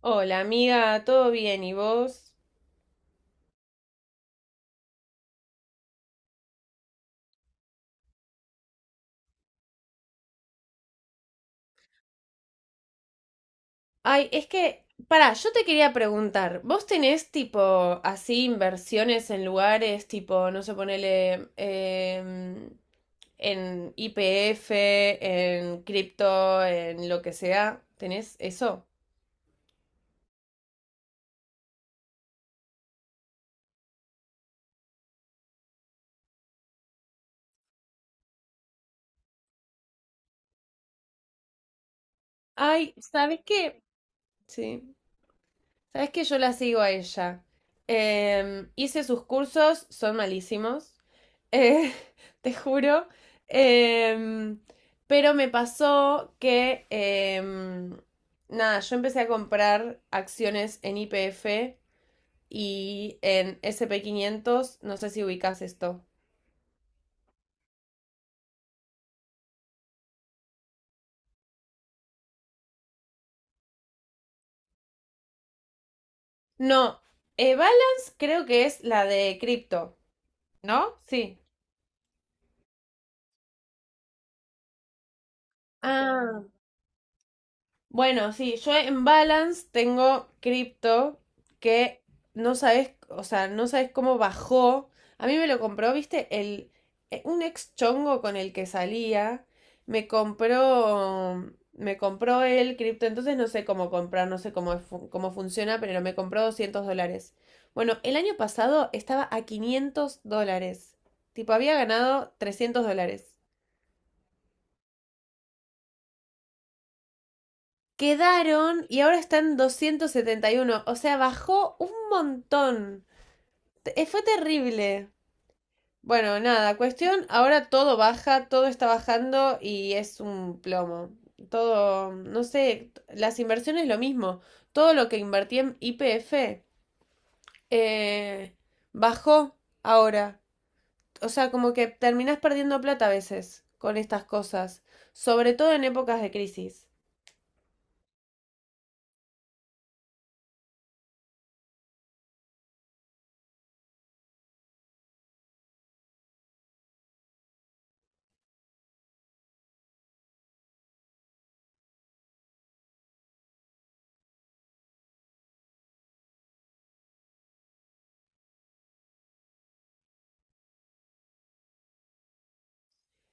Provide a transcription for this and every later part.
Hola, amiga, ¿todo bien? ¿Y vos? Ay, es que, pará, yo te quería preguntar, ¿vos tenés tipo así inversiones en lugares tipo, no sé, ponele en IPF, en cripto, en lo que sea? ¿Tenés eso? Ay, ¿sabes qué? Sí, ¿sabes qué? Yo la sigo a ella. Hice sus cursos, son malísimos. eh, Te juro. Em, pero me pasó que, nada, yo empecé a comprar acciones en YPF y en S&P 500, no sé si ubicas esto. No, Balance creo que es la de cripto, ¿no? Sí. Ah. Bueno, sí, yo en Balance tengo cripto que no sabes, o sea, no sabes cómo bajó. A mí me lo compró, viste, un ex chongo con el que salía, me compró el cripto, entonces no sé cómo comprar, no sé cómo, cómo funciona, pero me compró $200. Bueno, el año pasado estaba a $500. Tipo, había ganado $300. Quedaron y ahora están 271. O sea, bajó un montón. Fue terrible. Bueno, nada, cuestión, ahora todo baja, todo está bajando y es un plomo. Todo, no sé, las inversiones lo mismo. Todo lo que invertí en YPF eh, bajó ahora. O sea, como que terminás perdiendo plata a veces con estas cosas, sobre todo en épocas de crisis.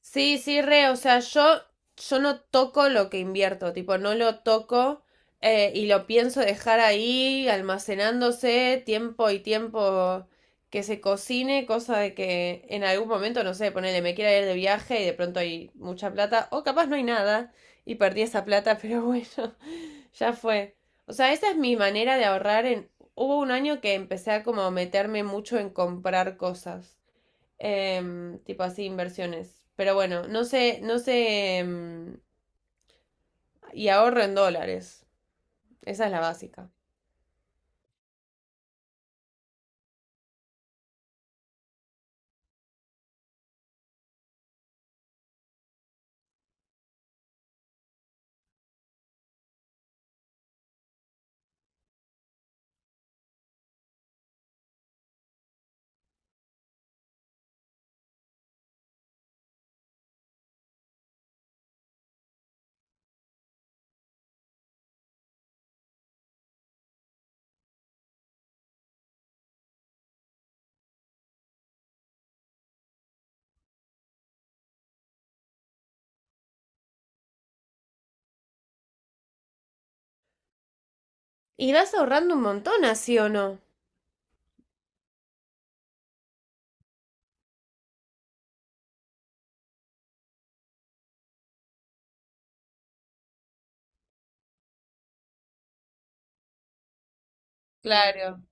Sí, sí, re, o sea, yo no toco lo que invierto, tipo, no lo toco y lo pienso dejar ahí almacenándose tiempo y tiempo que se cocine, cosa de que en algún momento, no sé, ponele, me quiera ir de viaje y de pronto hay mucha plata, o capaz no hay nada y perdí esa plata, pero bueno, ya fue. O sea, esa es mi manera de ahorrar en. Hubo un año que empecé a como meterme mucho en comprar cosas. Tipo así, inversiones. Pero bueno, no sé, no sé. Y ahorro en dólares. Esa es la básica. ¿Y vas ahorrando un montón, así o no? Claro.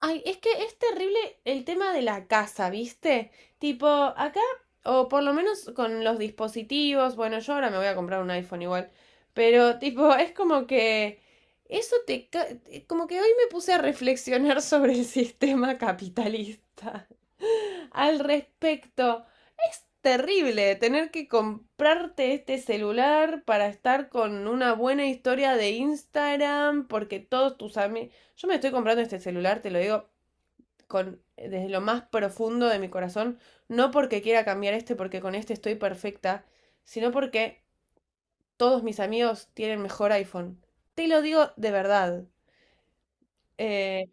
Ay, es que es terrible el tema de la casa, ¿viste? Tipo, acá, o por lo menos con los dispositivos, bueno, yo ahora me voy a comprar un iPhone igual, pero tipo, es como que eso Como que hoy me puse a reflexionar sobre el sistema capitalista al respecto. Es terrible tener que comprarte este celular para estar con una buena historia de Instagram, porque todos tus amigos. Yo me estoy comprando este celular, te lo digo desde lo más profundo de mi corazón, no porque quiera cambiar este, porque con este estoy perfecta, sino porque todos mis amigos tienen mejor iPhone. Te lo digo de verdad. Eh,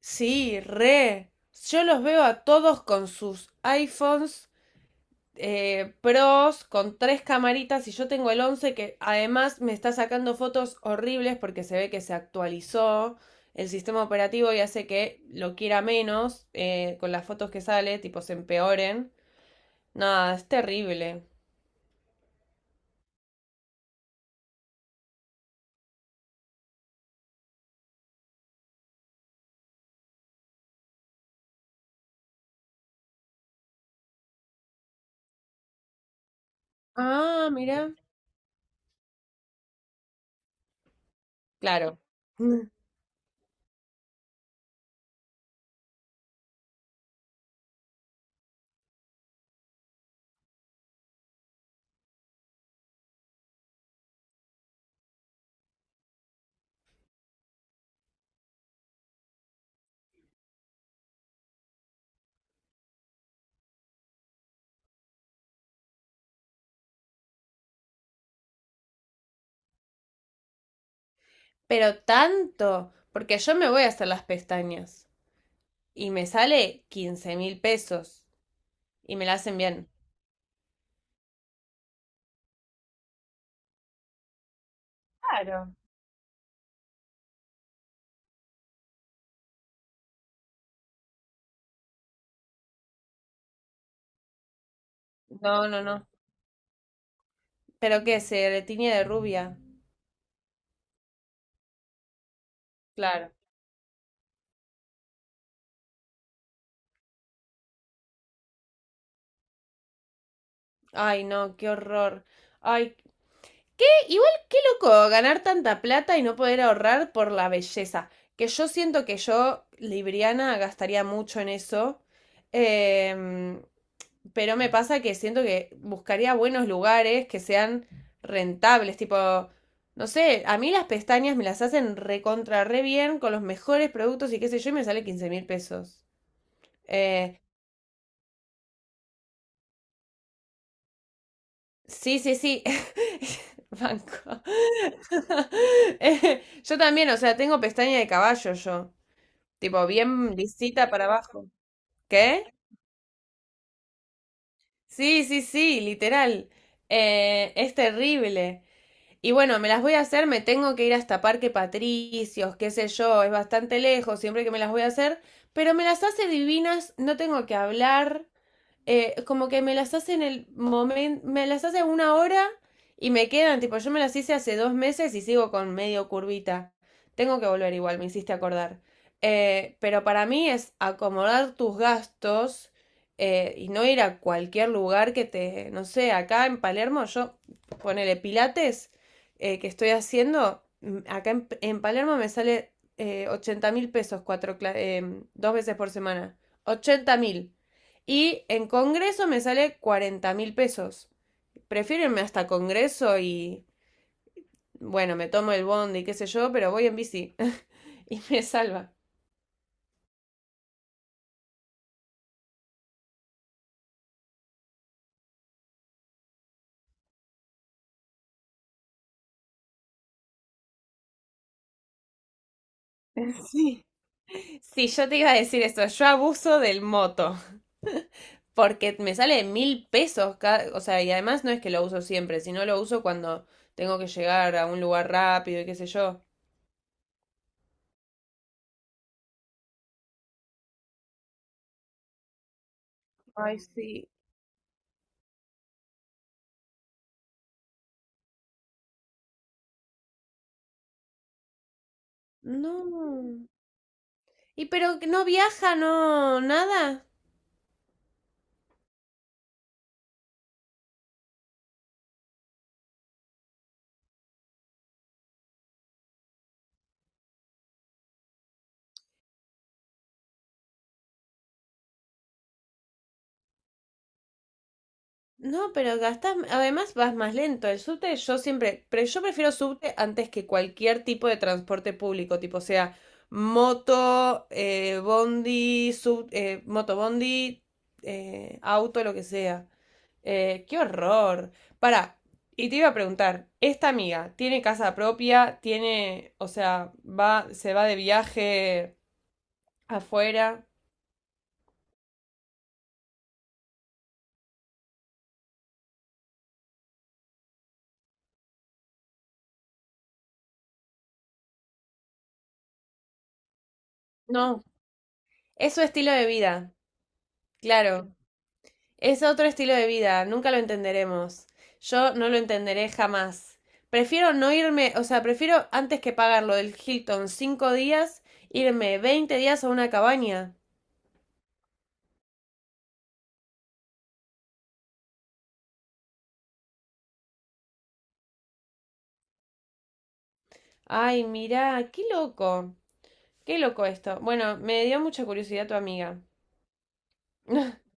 sí, re. Yo los veo a todos con sus iPhones pros con tres camaritas y yo tengo el 11 que además me está sacando fotos horribles porque se ve que se actualizó el sistema operativo y hace que lo quiera menos con las fotos que sale, tipo se empeoren. Nada, es terrible. Ah, mira. Claro. Mm. Pero tanto, porque yo me voy a hacer las pestañas y me sale 15.000 pesos y me la hacen bien. Claro. No, no, no. ¿Pero qué? ¿Se tiñe de rubia? Claro. Ay, no, qué horror. Ay, igual loco, ganar tanta plata y no poder ahorrar por la belleza. Que yo siento que yo, Libriana, gastaría mucho en eso. Em, pero me pasa que siento que buscaría buenos lugares que sean rentables. Tipo, no sé, a mí las pestañas me las hacen recontra re bien con los mejores productos y qué sé yo, y me sale 15.000 pesos. Eh, Sí, sí, sí. Banco. Yo también, o sea, tengo pestaña de caballo yo. Tipo, bien lisita para abajo. ¿Qué? Sí, sí, sí, literal. Es terrible. Y bueno, me las voy a hacer, me tengo que ir hasta Parque Patricios, qué sé yo, es bastante lejos siempre que me las voy a hacer, pero me las hace divinas, no tengo que hablar. Como que me las hace en el momento, me las hace 1 hora y me quedan, tipo, yo me las hice hace 2 meses y sigo con medio curvita. Tengo que volver igual, me hiciste acordar. Pero para mí es acomodar tus gastos y no ir a cualquier lugar que te, no sé, acá en Palermo, yo ponele pilates que estoy haciendo, acá en Palermo me sale 80.000 pesos cuatro, 2 veces por semana. 80.000. Y en Congreso me sale 40.000 pesos. Prefiero irme hasta Congreso y, bueno, me tomo el bondi, qué sé yo, pero voy en bici y me salva. Sí. Sí, yo te iba a decir eso, yo abuso del moto, porque me sale 1.000 pesos, o sea, y además no es que lo uso siempre, sino lo uso cuando tengo que llegar a un lugar rápido y qué sé yo. Ay, sí. No. ¿Y pero que no viaja, no, nada? No, pero gastas, además vas más lento. El subte yo siempre, pero yo prefiero subte antes que cualquier tipo de transporte público, tipo sea moto, bondi, moto bondi, auto, lo que sea. Qué horror. Para, y te iba a preguntar, ¿esta amiga tiene casa propia? ¿Tiene, o sea, se va de viaje afuera? No, es su estilo de vida, claro. Es otro estilo de vida, nunca lo entenderemos. Yo no lo entenderé jamás. Prefiero no irme, o sea, prefiero antes que pagar lo del Hilton 5 días, irme 20 días a una cabaña. Ay, mirá, qué loco. Qué loco esto. Bueno, me dio mucha curiosidad tu amiga.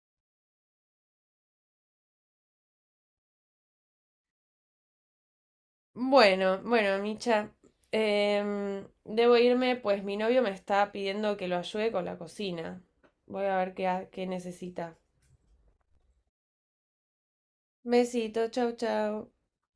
Bueno, bueno, Micha. Debo irme, pues mi novio me está pidiendo que lo ayude con la cocina. Voy a ver qué necesita. Besito, chau, chau.